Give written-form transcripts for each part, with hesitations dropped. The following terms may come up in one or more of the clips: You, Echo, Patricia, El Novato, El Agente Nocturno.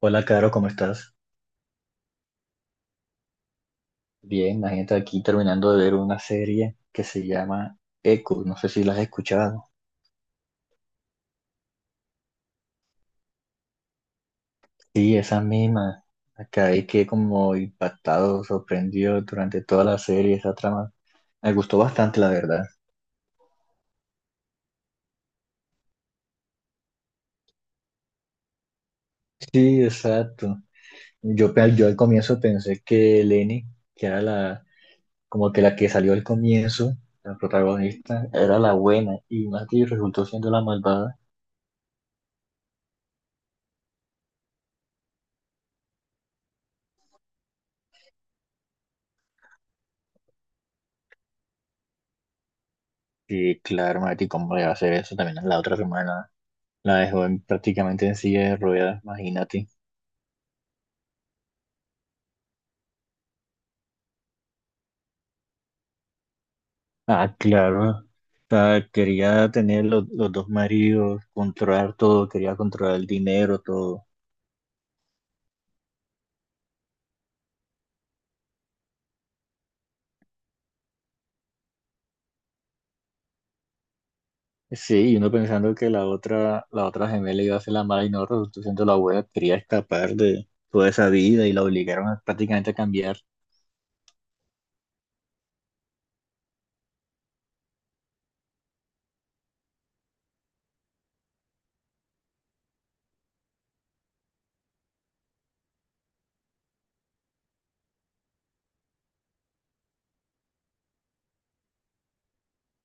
Hola, Caro, ¿cómo estás? Bien, imagínate aquí terminando de ver una serie que se llama Echo, no sé si la has escuchado. Sí, esa misma. Acabé que como impactado, sorprendido durante toda la serie, esa trama. Me gustó bastante, la verdad. Sí, exacto. Yo al comienzo pensé que Lenny, que era la, como que la que salió al comienzo, la protagonista, era la buena y Mati resultó siendo la malvada. Sí, claro, Mati, ¿cómo le va a hacer eso también a la otra hermana? La dejó prácticamente en silla de ruedas, imagínate. Ah, claro. O sea, quería tener los dos maridos, controlar todo, quería controlar el dinero, todo. Sí, y uno pensando que la otra gemela iba a ser la mala y no resultó siendo la buena, quería escapar de toda esa vida y la obligaron prácticamente a cambiar.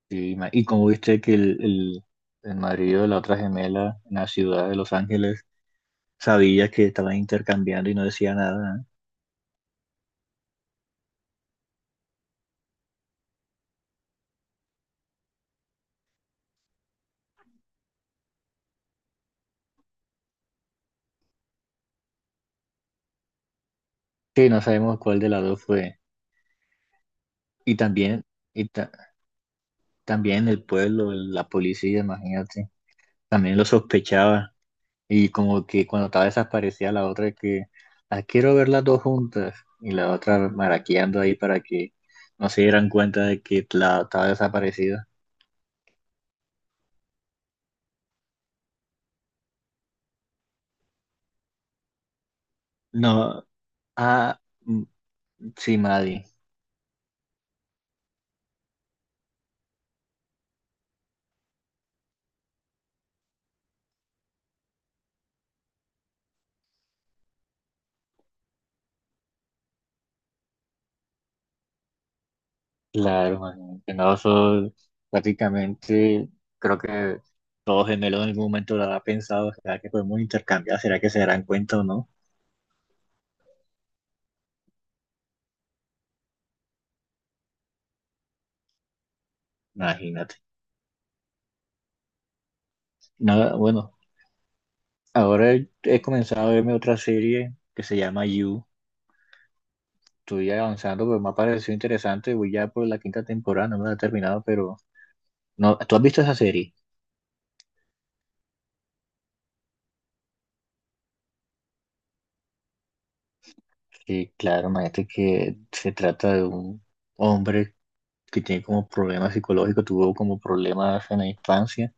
Sí, Y, como viste que el marido de la otra gemela en la ciudad de Los Ángeles sabía que estaban intercambiando y no decía nada, ¿eh? Sí, no sabemos cuál de las dos fue. Y también, y ta- también el pueblo, la policía, imagínate, también lo sospechaba. Y como que cuando estaba desaparecida la otra que, "Ah, quiero ver las dos juntas". Y la otra maraqueando ahí para que no se dieran cuenta de que la estaba desaparecida. No, ah, mm, sí, Maddie. Claro, imagínate, no, eso prácticamente creo que todos gemelos en algún momento lo habrá pensado. ¿Será que podemos intercambiar? ¿Será que se darán cuenta o no? Imagínate. Nada, bueno. Ahora he comenzado a verme otra serie que se llama You. Estoy avanzando, pero me ha parecido interesante. Voy ya por la quinta temporada, no me la he terminado, pero no, ¿tú has visto esa serie? Sí, claro, imagínate que se trata de un hombre que tiene como problemas psicológicos, tuvo como problemas en la infancia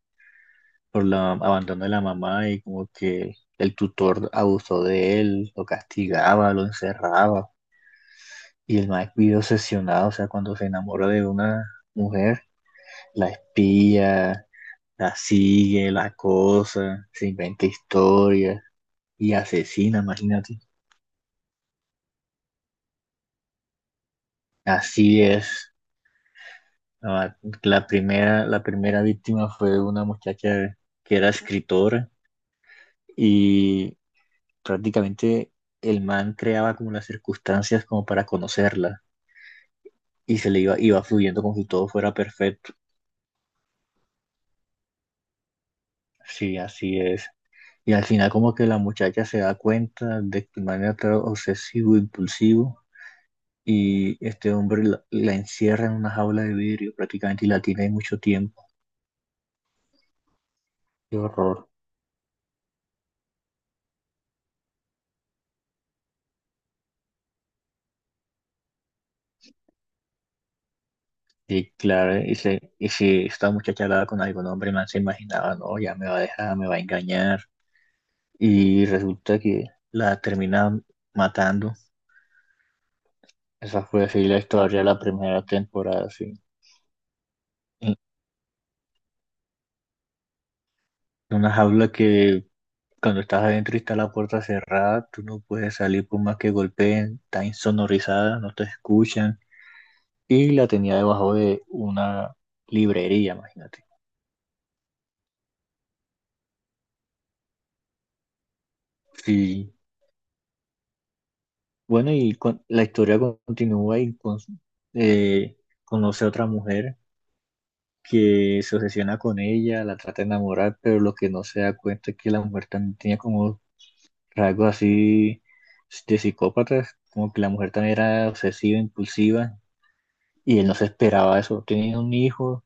por la abandono de la mamá y como que el tutor abusó de él, lo castigaba, lo encerraba y el más vive obsesionado. O sea, cuando se enamora de una mujer, la espía, la sigue, la cosa, se inventa historias y asesina, imagínate. Así es. La, la primera víctima fue una muchacha que era escritora y prácticamente el man creaba como las circunstancias como para conocerla y se le iba fluyendo como si todo fuera perfecto. Sí, así es. Y al final como que la muchacha se da cuenta de que el man era tan obsesivo, impulsivo y este hombre la encierra en una jaula de vidrio prácticamente y la tiene mucho tiempo. Qué horror. Y claro, y si esta muchacha hablaba con algún hombre, más se imaginaba, no, ya me va a dejar, me va a engañar. Y resulta que la termina matando. Esa fue así la historia de la primera temporada, sí. En una jaula que cuando estás adentro y está la puerta cerrada, tú no puedes salir por más que golpeen, está insonorizada, no te escuchan, y la tenía debajo de una librería, imagínate. Sí. Bueno, y la historia continúa y eh, conoce a otra mujer que se obsesiona con ella, la trata de enamorar, pero lo que no se da cuenta es que la mujer también tenía como rasgos así de psicópatas, como que la mujer también era obsesiva, impulsiva, y él no se esperaba eso. Tenía un hijo,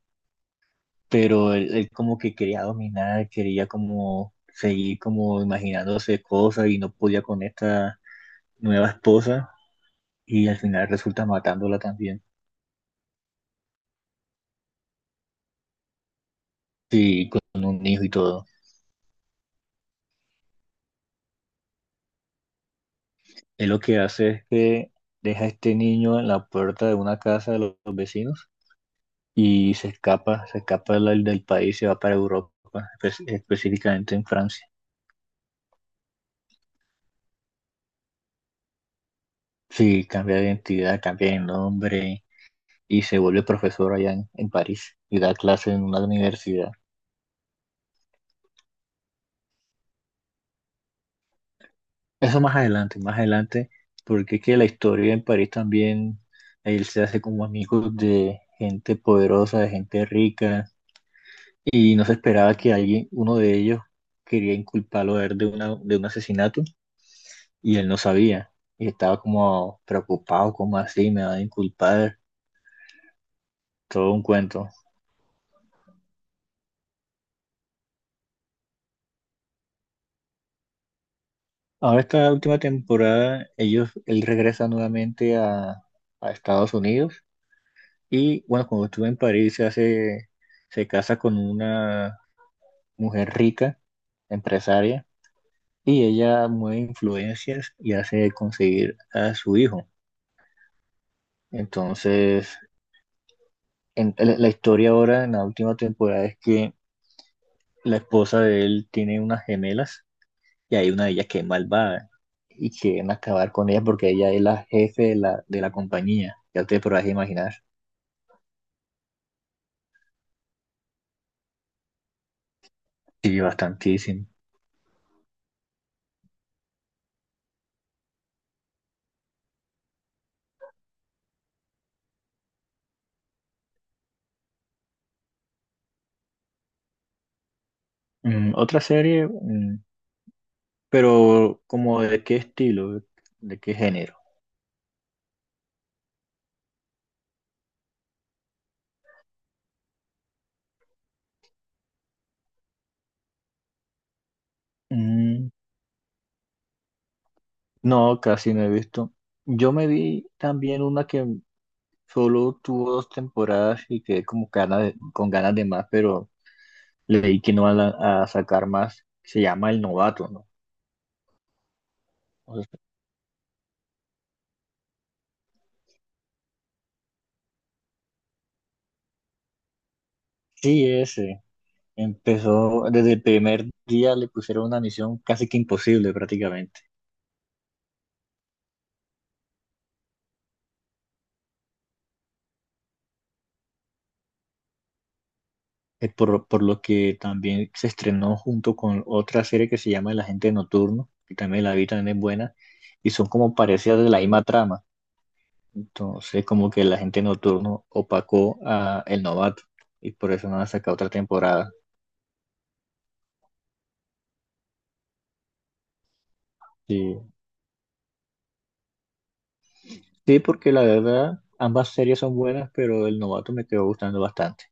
pero él como que quería dominar, quería como seguir como imaginándose cosas y no podía con esta nueva esposa y al final resulta matándola también, sí, con un hijo y todo. Él lo que hace es que deja a este niño en la puerta de una casa de los vecinos y se escapa del país, se va para Europa, específicamente en Francia. Sí, cambia de identidad, cambia de nombre y se vuelve profesor allá en París y da clases en una universidad. Eso más adelante, porque es que la historia en París también, él se hace como amigos de gente poderosa, de gente rica, y no se esperaba que alguien, uno de ellos, quería inculparlo a él de una, de un asesinato, y él no sabía, y estaba como preocupado, como así, me va a inculpar, todo un cuento. Ahora esta última temporada, ellos, él regresa nuevamente a Estados Unidos, y bueno, cuando estuvo en París se hace, se casa con una mujer rica, empresaria, y ella mueve influencias y hace conseguir a su hijo. Entonces, la historia ahora en la última temporada es que la esposa de él tiene unas gemelas y hay una de ellas que es malvada y quieren acabar con ella porque ella es la jefe de la compañía. Ya te podrás imaginar. Sí, bastantísimo. Mm, otra serie, mm, pero como de qué estilo, de qué género. Mm, no, casi no he visto. Yo me vi también una que solo tuvo dos temporadas y quedé como con ganas de más, pero leí que no van a sacar más. Se llama El Novato, ¿no? O sea, sí, ese. Empezó desde el primer día, le pusieron una misión casi que imposible prácticamente. Es por lo que también se estrenó junto con otra serie que se llama El Agente Nocturno, que también la vi, también es buena, y son como parecidas de la misma trama. Entonces, como que la gente nocturno opacó a El Novato y por eso no han sacado otra temporada. Sí. Sí, porque la verdad, ambas series son buenas, pero El Novato me quedó gustando bastante.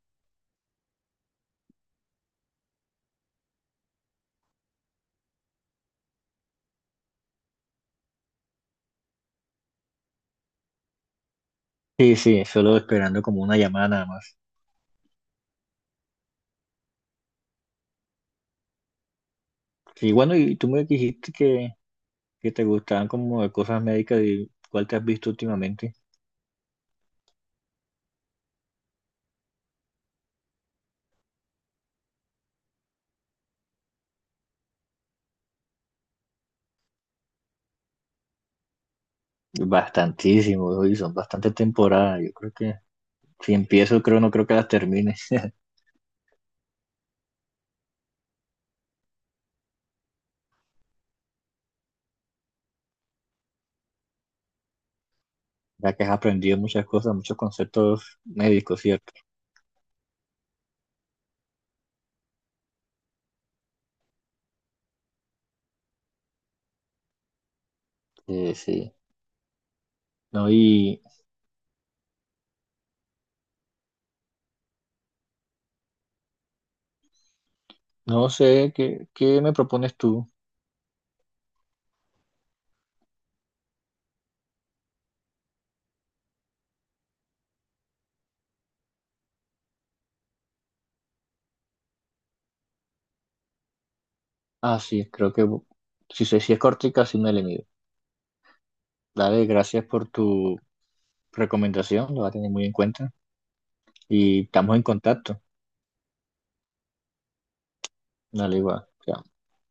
Sí, sí, solo esperando como una llamada nada más. Sí, bueno, y tú me dijiste que te gustaban como de cosas médicas y cuál te has visto últimamente. Bastantísimo, y son bastantes temporadas. Yo creo que si empiezo, creo, no creo que las termine. Ya que has aprendido muchas cosas, muchos conceptos médicos, ¿cierto? Sí, sí. No, y no sé, ¿qué, qué me propones tú? Ah, sí, creo que si, sé, si es cortica, sí me le mido. Dale, gracias por tu recomendación, lo va a tener muy en cuenta. Y estamos en contacto. Dale, igual. Chao.